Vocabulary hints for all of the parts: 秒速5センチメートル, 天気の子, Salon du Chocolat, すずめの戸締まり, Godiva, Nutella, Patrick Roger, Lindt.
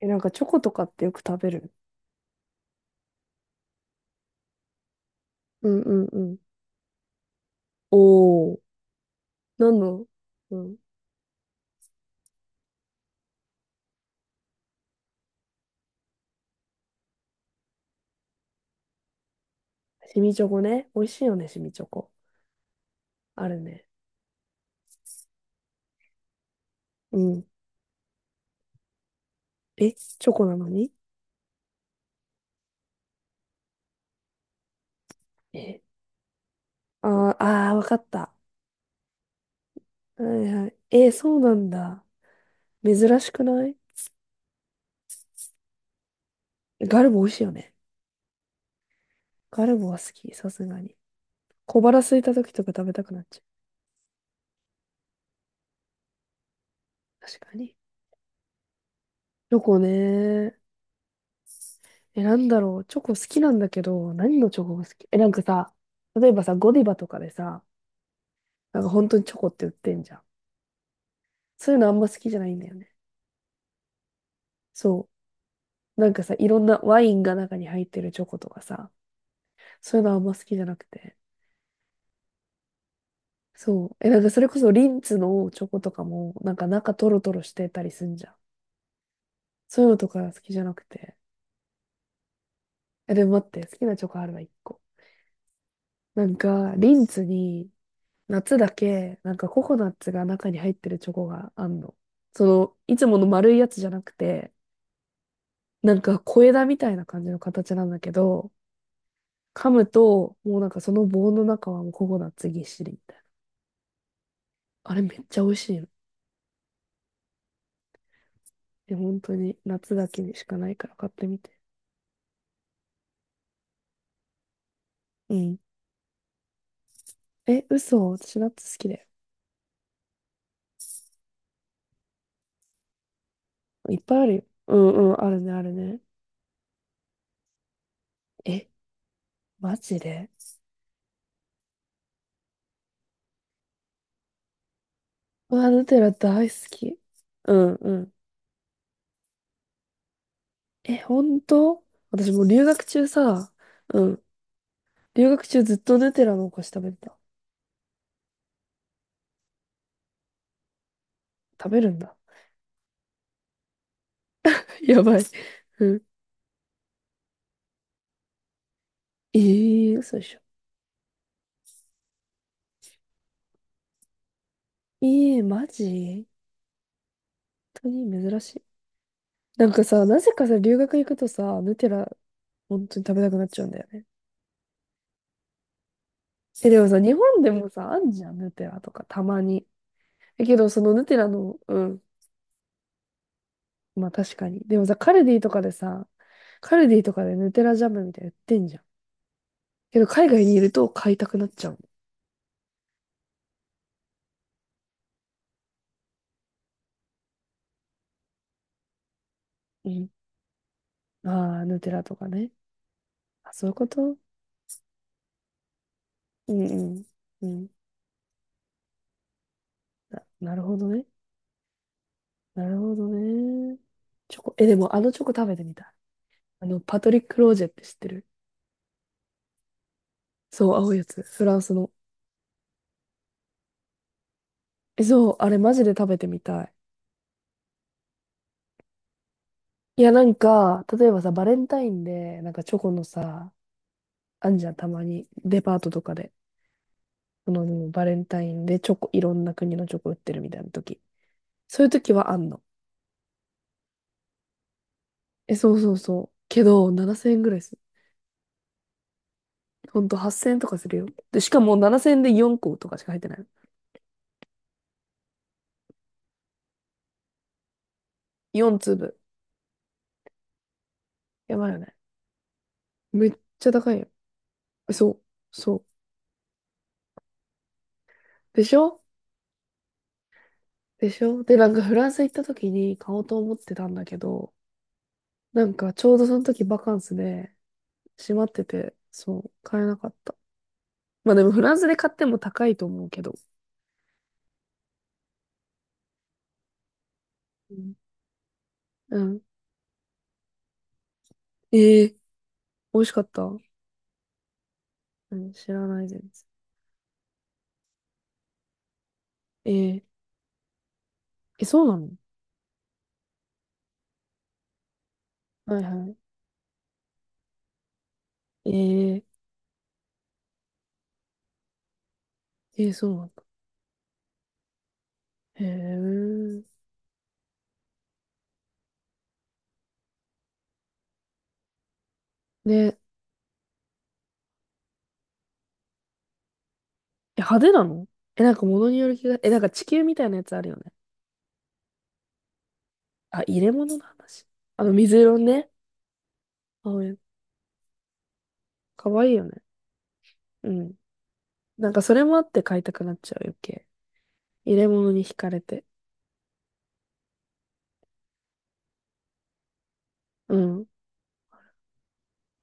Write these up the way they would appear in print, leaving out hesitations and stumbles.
え、なんかチョコとかってよく食べる？うんうんうん。おー、なんの？うん。シミチョコね。美味しいよね、シミチョコ。あるね。うん。え、チョコなのに？え、あー、あー、わかった。はいはい。えー、そうなんだ。珍しくない？ガルボ美味しいよね。ガルボは好き、さすがに。小腹空いた時とか食べたくなっちゃう。確かに。チョコね。え、なんだろう。チョコ好きなんだけど、何のチョコが好き？え、なんかさ、例えばさ、ゴディバとかでさ、なんか本当にチョコって売ってんじゃん。そういうのあんま好きじゃないんだよね。そう。なんかさ、いろんなワインが中に入ってるチョコとかさ、そういうのあんま好きじゃなくて。そう。え、なんかそれこそリンツのチョコとかも、なんか中トロトロしてたりすんじゃん。そういうのとか好きじゃなくて。え、でも待って、好きなチョコあるわ、一個。なんか、リンツに、夏だけ、なんかココナッツが中に入ってるチョコがあんの。その、いつもの丸いやつじゃなくて、なんか小枝みたいな感じの形なんだけど、噛むと、もうなんかその棒の中はもうココナッツぎっしりみたいな。あれめっちゃ美味しいの。で、本当に夏だけにしかないから買ってみて。うん。え、嘘私ナッツ好きだよ。いっぱいあるよ。うんうん、あるね、あるね。え、マジで？うわ、ヌテラ大好き。うんうん。え、本当？私もう留学中さ、うん。留学中ずっとヌテラのお菓子食べてた。食べるんだ。やばい。うん。ええー、嘘でしょ。ええー、マジ？本当に珍しい。なんかさ、なぜかさ、留学行くとさ、ヌテラ、本当に食べたくなっちゃうんだよね。え、でもさ、日本でもさ、あんじゃん、ヌテラとか、たまに。え、けど、そのヌテラの、うん、まあ確かに。でもさ、カルディとかでさ、カルディとかでヌテラジャムみたいな売ってんじゃん。けど、海外にいると買いたくなっちゃう。うん。ああ、ヌテラとかね。あ、そういうこと？うんうん。うん。なるほどね。なるほどね。チョコ、え、でもあのチョコ食べてみたい。あの、パトリック・ロージェって知ってる？そう、青いやつ。フランスの。えそう、あれマジで食べてみたい。いや、なんか、例えばさ、バレンタインで、なんかチョコのさ、あんじゃん、たまに、デパートとかで。その、バレンタインでチョコ、いろんな国のチョコ売ってるみたいな時。そういう時はあんの。え、そうそうそう。けど、7000円ぐらいする。ほんと、8000円とかするよ。で、しかも7000円で4個とかしか入ってないの。4粒。やばいよね。めっちゃ高いよ。えそう、そう。でしょ？でしょ？で、なんかフランス行った時に買おうと思ってたんだけど、なんかちょうどその時バカンスで、閉まってて、そう、買えなかった。まあでもフランスで買っても高いと思うけど。うん。うんええ美味しかった。うん、知らないです。えええ、そうなの？はいはい。ええええ、そうなんだ。へえ。で、え、派手なの？え、なんか物による気が、え、なんか地球みたいなやつあるよね。あ、入れ物の話。あの、水色のね。あ、かわいいよね。うん。なんかそれもあって買いたくなっちゃう余計。入れ物に惹かれて。うん。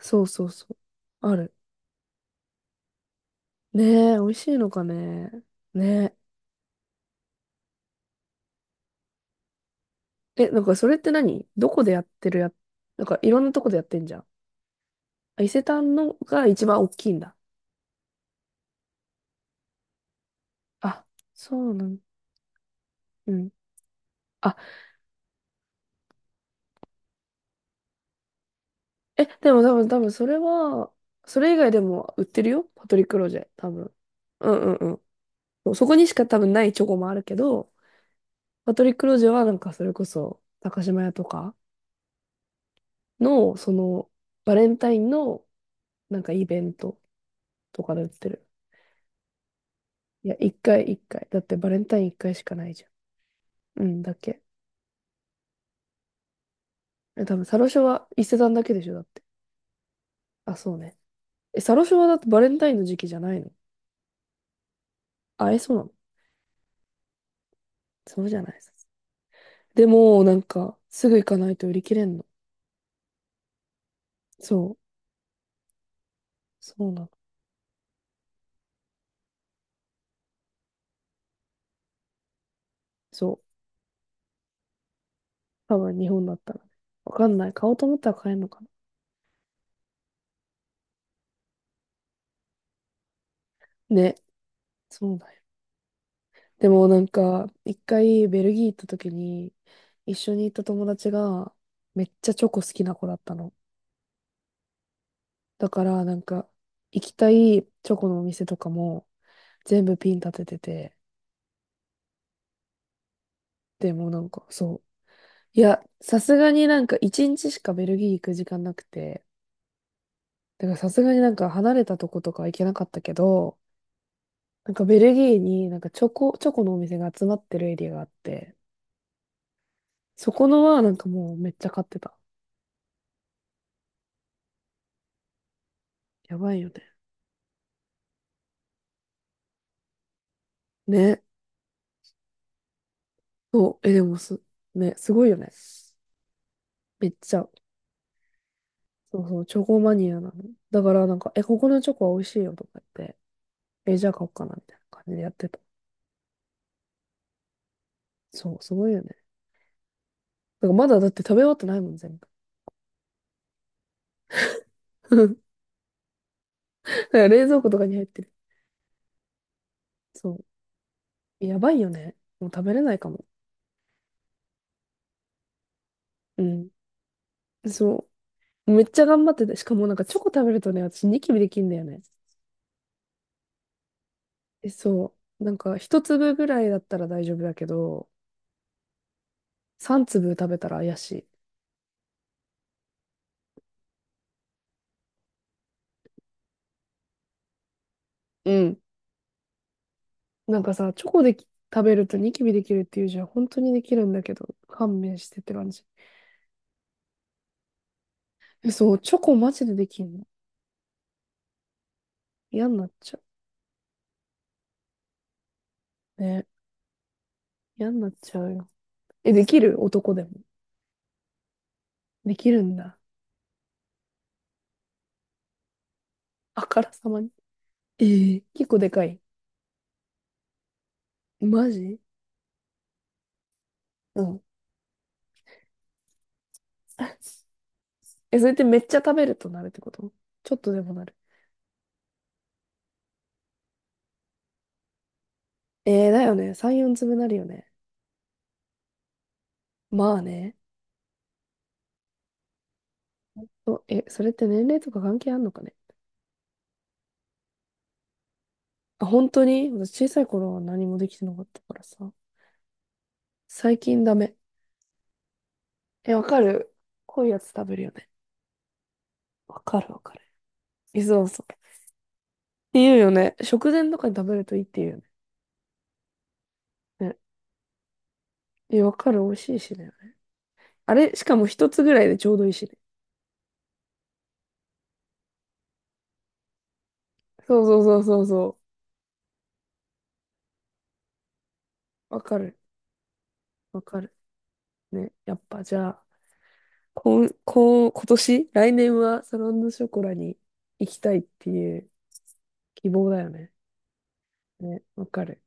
そうそうそう。ある。ねえ、美味しいのかね。ねえ。え、なんかそれって何どこでやってるや、なんかいろんなとこでやってんじゃん。あ伊勢丹のが一番大きいんだ。あ、そうなん、うん。あ、え、でも多分それは、それ以外でも売ってるよ。パトリック・ロジェ、多分。うんうんうん。そこにしか多分ないチョコもあるけど、パトリック・ロジェはなんかそれこそ、高島屋とかの、その、バレンタインのなんかイベントとかで売ってる。いや、一回一回。だってバレンタイン一回しかないじゃん。うん、だっけ。え、多分、サロショは伊勢丹だけでしょ、だって。あ、そうね。え、サロショはだってバレンタインの時期じゃないの？あ、え、そうなの？そうじゃないです。でも、なんか、すぐ行かないと売り切れんの。そう。そうなの。そう。多分、日本だったらね。わかんない。買おうと思ったら買えんのかな。ね。そうだよね。でも、なんか、一回ベルギー行った時に、一緒に行った友達が、めっちゃチョコ好きな子だったの。だからなんか行きたいチョコのお店とかも全部ピン立ててて、でもなんかそう。いや、さすがになんか一日しかベルギー行く時間なくて、だからさすがになんか離れたとことか行けなかったけど、なんかベルギーになんかチョコ、チョコのお店が集まってるエリアがあって、そこのはなんかもうめっちゃ買ってた。やばいよね。ね。そう。え、でもす、ね、すごいよね。めっちゃ。そうそう、チョコマニアなの。だからなんか、え、ここのチョコは美味しいよとか言って、え、じゃあ買おうかな、みたいな感じでやってた。そう、すごいよね。だからまだだって食べ終わってないもん、全部。だから冷蔵庫とかに入ってる。そう。やばいよね。もう食べれないかも。うん。そう。めっちゃ頑張ってて。しかもなんかチョコ食べるとね、私ニキビできんだよね。え、そう。なんか一粒ぐらいだったら大丈夫だけど、三粒食べたら怪しい。うん。なんかさ、チョコでき食べるとニキビできるっていうじゃん。本当にできるんだけど、勘弁してって感じ。え、そう。チョコマジでできんの。嫌になっちゃう。ね嫌になっちゃうよ。え、できる男でも？できるんだ。あからさまに。ええ結構でかい。マジ？うん。え、それってめっちゃ食べるとなるってこと？ちょっとでもなる。えー、だよね。3、4粒なるよね。まあね。え、それって年齢とか関係あんのかね。あ、本当に私小さい頃は何もできてなかったからさ。最近ダメ。え、わかる？濃いやつ食べるよね。わかるわかる。え、そうそう。って言うよね。食前とかに食べるといいって言うよね。ね。え、わかる。美味しいしね。あれ、しかも一つぐらいでちょうどいいしね。そうそうそうそうそう。わかる。わかる。ね。やっぱじゃあ、こん、こん、今年、来年はサロンドショコラに行きたいっていう希望だよね。ね。わかる。